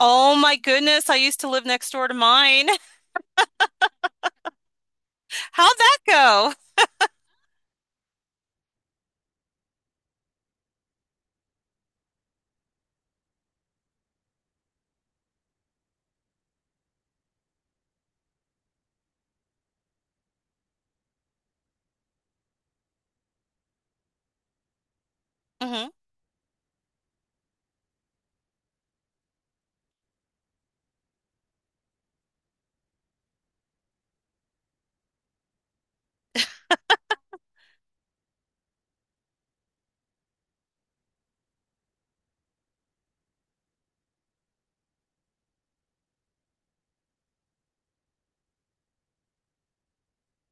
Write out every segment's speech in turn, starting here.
Oh my goodness, I used to live next door to mine. How'd that go? Hmm.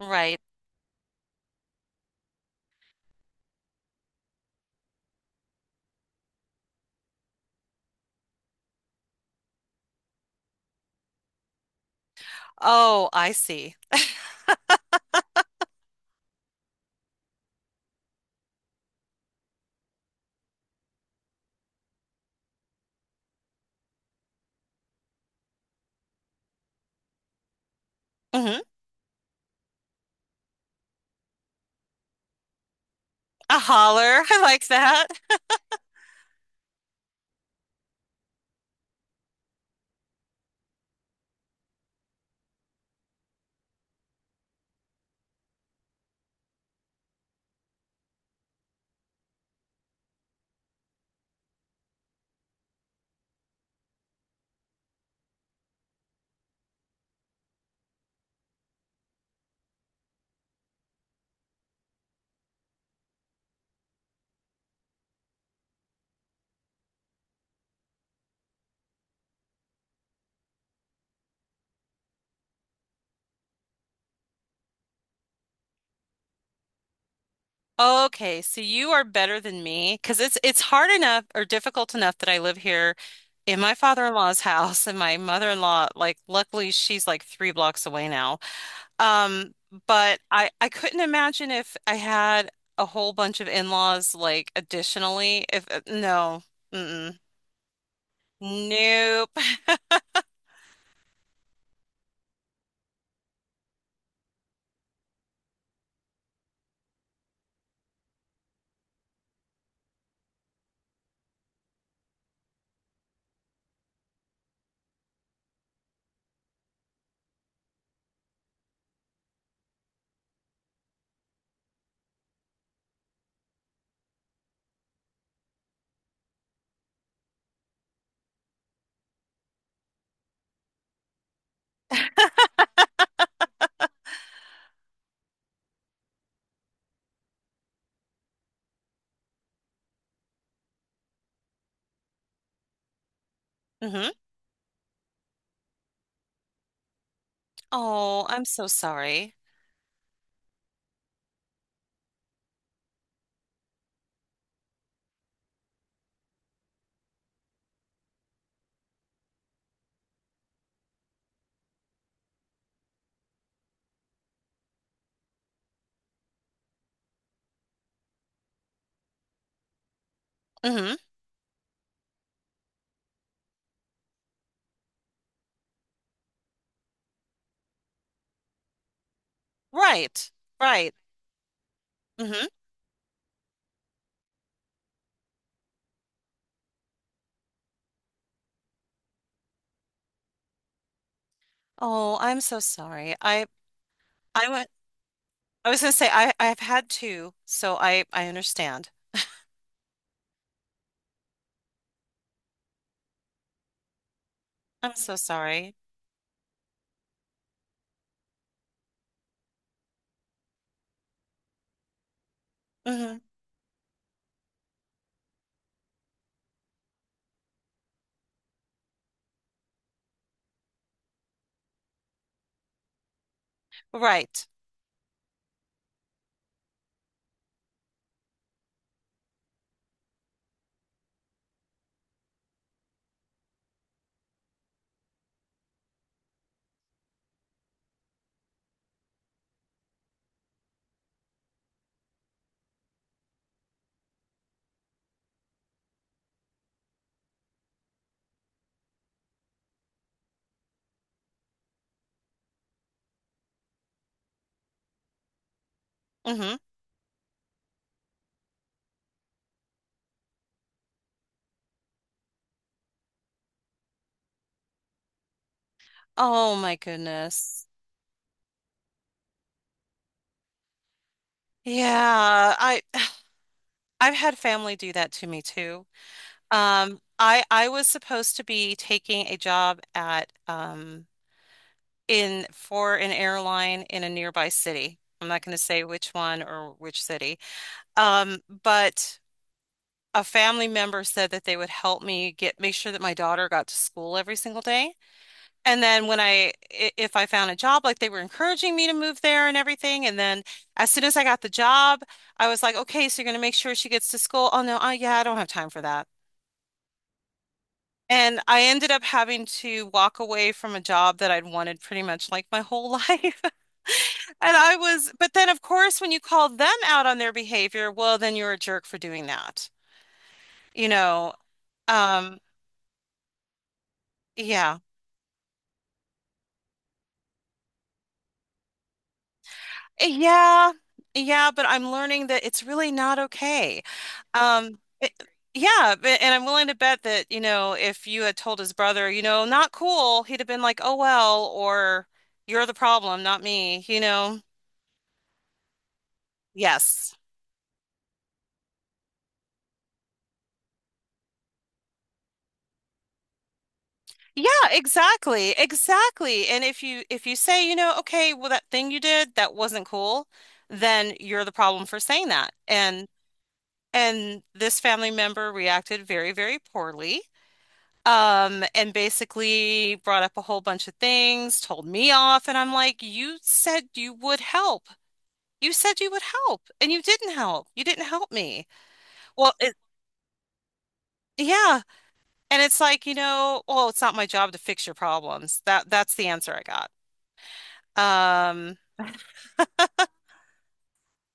Right. Oh, I see. Hmm. A holler. I like that. Okay, so you are better than me because it's hard enough or difficult enough that I live here in my father-in-law's house and my mother-in-law, like luckily she's like three blocks away now. Um, but I couldn't imagine if I had a whole bunch of in-laws like additionally if no. Mm-mm. Nope. Mm-hmm. Oh, I'm so sorry. Mm-hmm. Right. Right. Mm-hmm. Oh, I'm so sorry. I went I was gonna say I've had two, so I understand. I'm so sorry. Mm-hmm. Right. Mm-hmm. Oh my goodness. Yeah, I've had family do that to me too. I was supposed to be taking a job at in for an airline in a nearby city. I'm not going to say which one or which city. But a family member said that they would help me get make sure that my daughter got to school every single day. And then if I found a job, like they were encouraging me to move there and everything. And then as soon as I got the job, I was like, okay, so you're gonna make sure she gets to school. Oh no, yeah, I don't have time for that. And I ended up having to walk away from a job that I'd wanted pretty much like my whole life. And I was, but then of course, when you call them out on their behavior, well, then you're a jerk for doing that, you know? Um, yeah. Yeah. Yeah, but I'm learning that it's really not okay. Um, it- yeah, but, and I'm willing to bet that, you know, if you had told his brother, you know, not cool, he'd have been like, "Oh well," or "You're the problem, not me," you know. Yes. Yeah, exactly. Exactly. And if you say, you know, okay, well that thing you did, that wasn't cool, then you're the problem for saying that. And this family member reacted very, very poorly. And basically brought up a whole bunch of things, told me off, and I'm like, you said you would help. You said you would help, and you didn't help. You didn't help me. Well, it, yeah. And it's like, you know, oh, it's not my job to fix your problems. That's the answer I got. Um,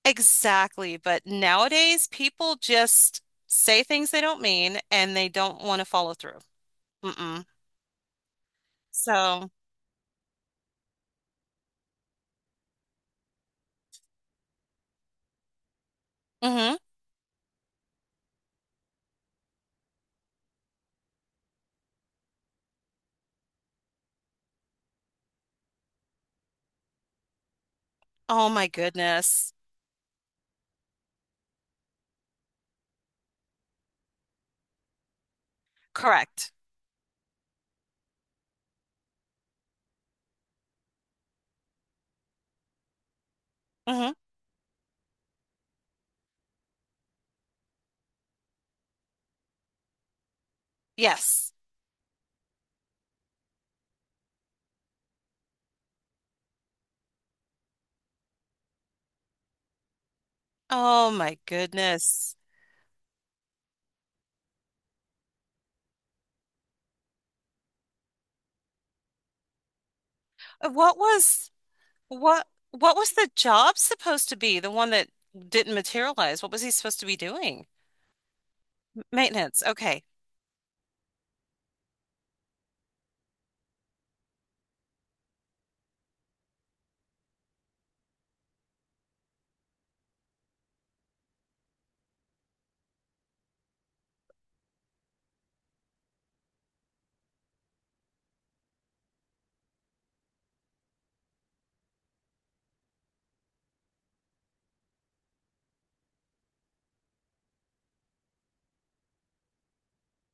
exactly. But nowadays people just say things they don't mean and they don't want to follow through. Mm-mm. So, hmm. Oh my goodness. Correct. Hmm. Yes. Oh my goodness. Uh, What was what what was the job supposed to be? The one that didn't materialize. What was he supposed to be doing? Maintenance. Okay.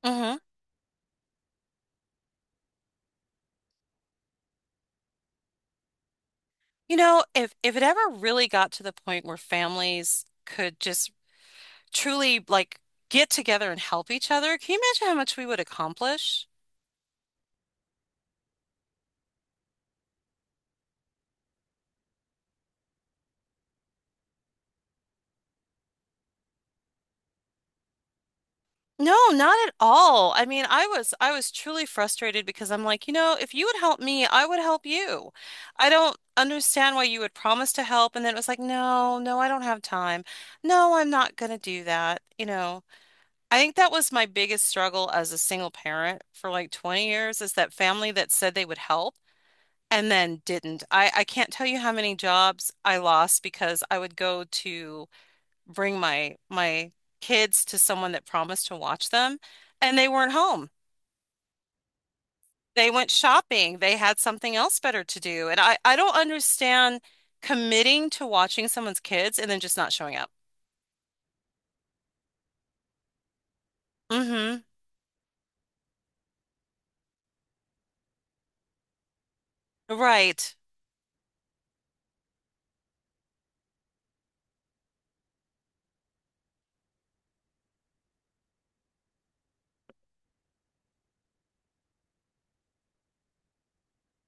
Hmm. You know, if it ever really got to the point where families could just truly like get together and help each other, can you imagine how much we would accomplish? No, not at all. I mean, I was truly frustrated because I'm like, you know, if you would help me, I would help you. I don't understand why you would promise to help and then it was like, no, no, I don't have time. No, I'm not gonna do that. You know, I think that was my biggest struggle as a single parent for like 20 years is that family that said they would help and then didn't. I can't tell you how many jobs I lost because I would go to bring my kids to someone that promised to watch them, and they weren't home. They went shopping. They had something else better to do. And I don't understand committing to watching someone's kids and then just not showing up. Mm-hmm. Right.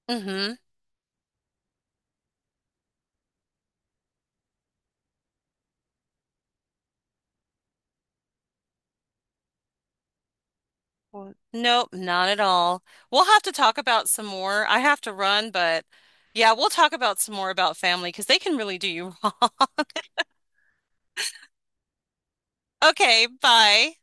Mm-hmm. Well, nope, not at all. We'll have to talk about some more. I have to run, but yeah, we'll talk about some more about family because they can really do you wrong. Okay, bye.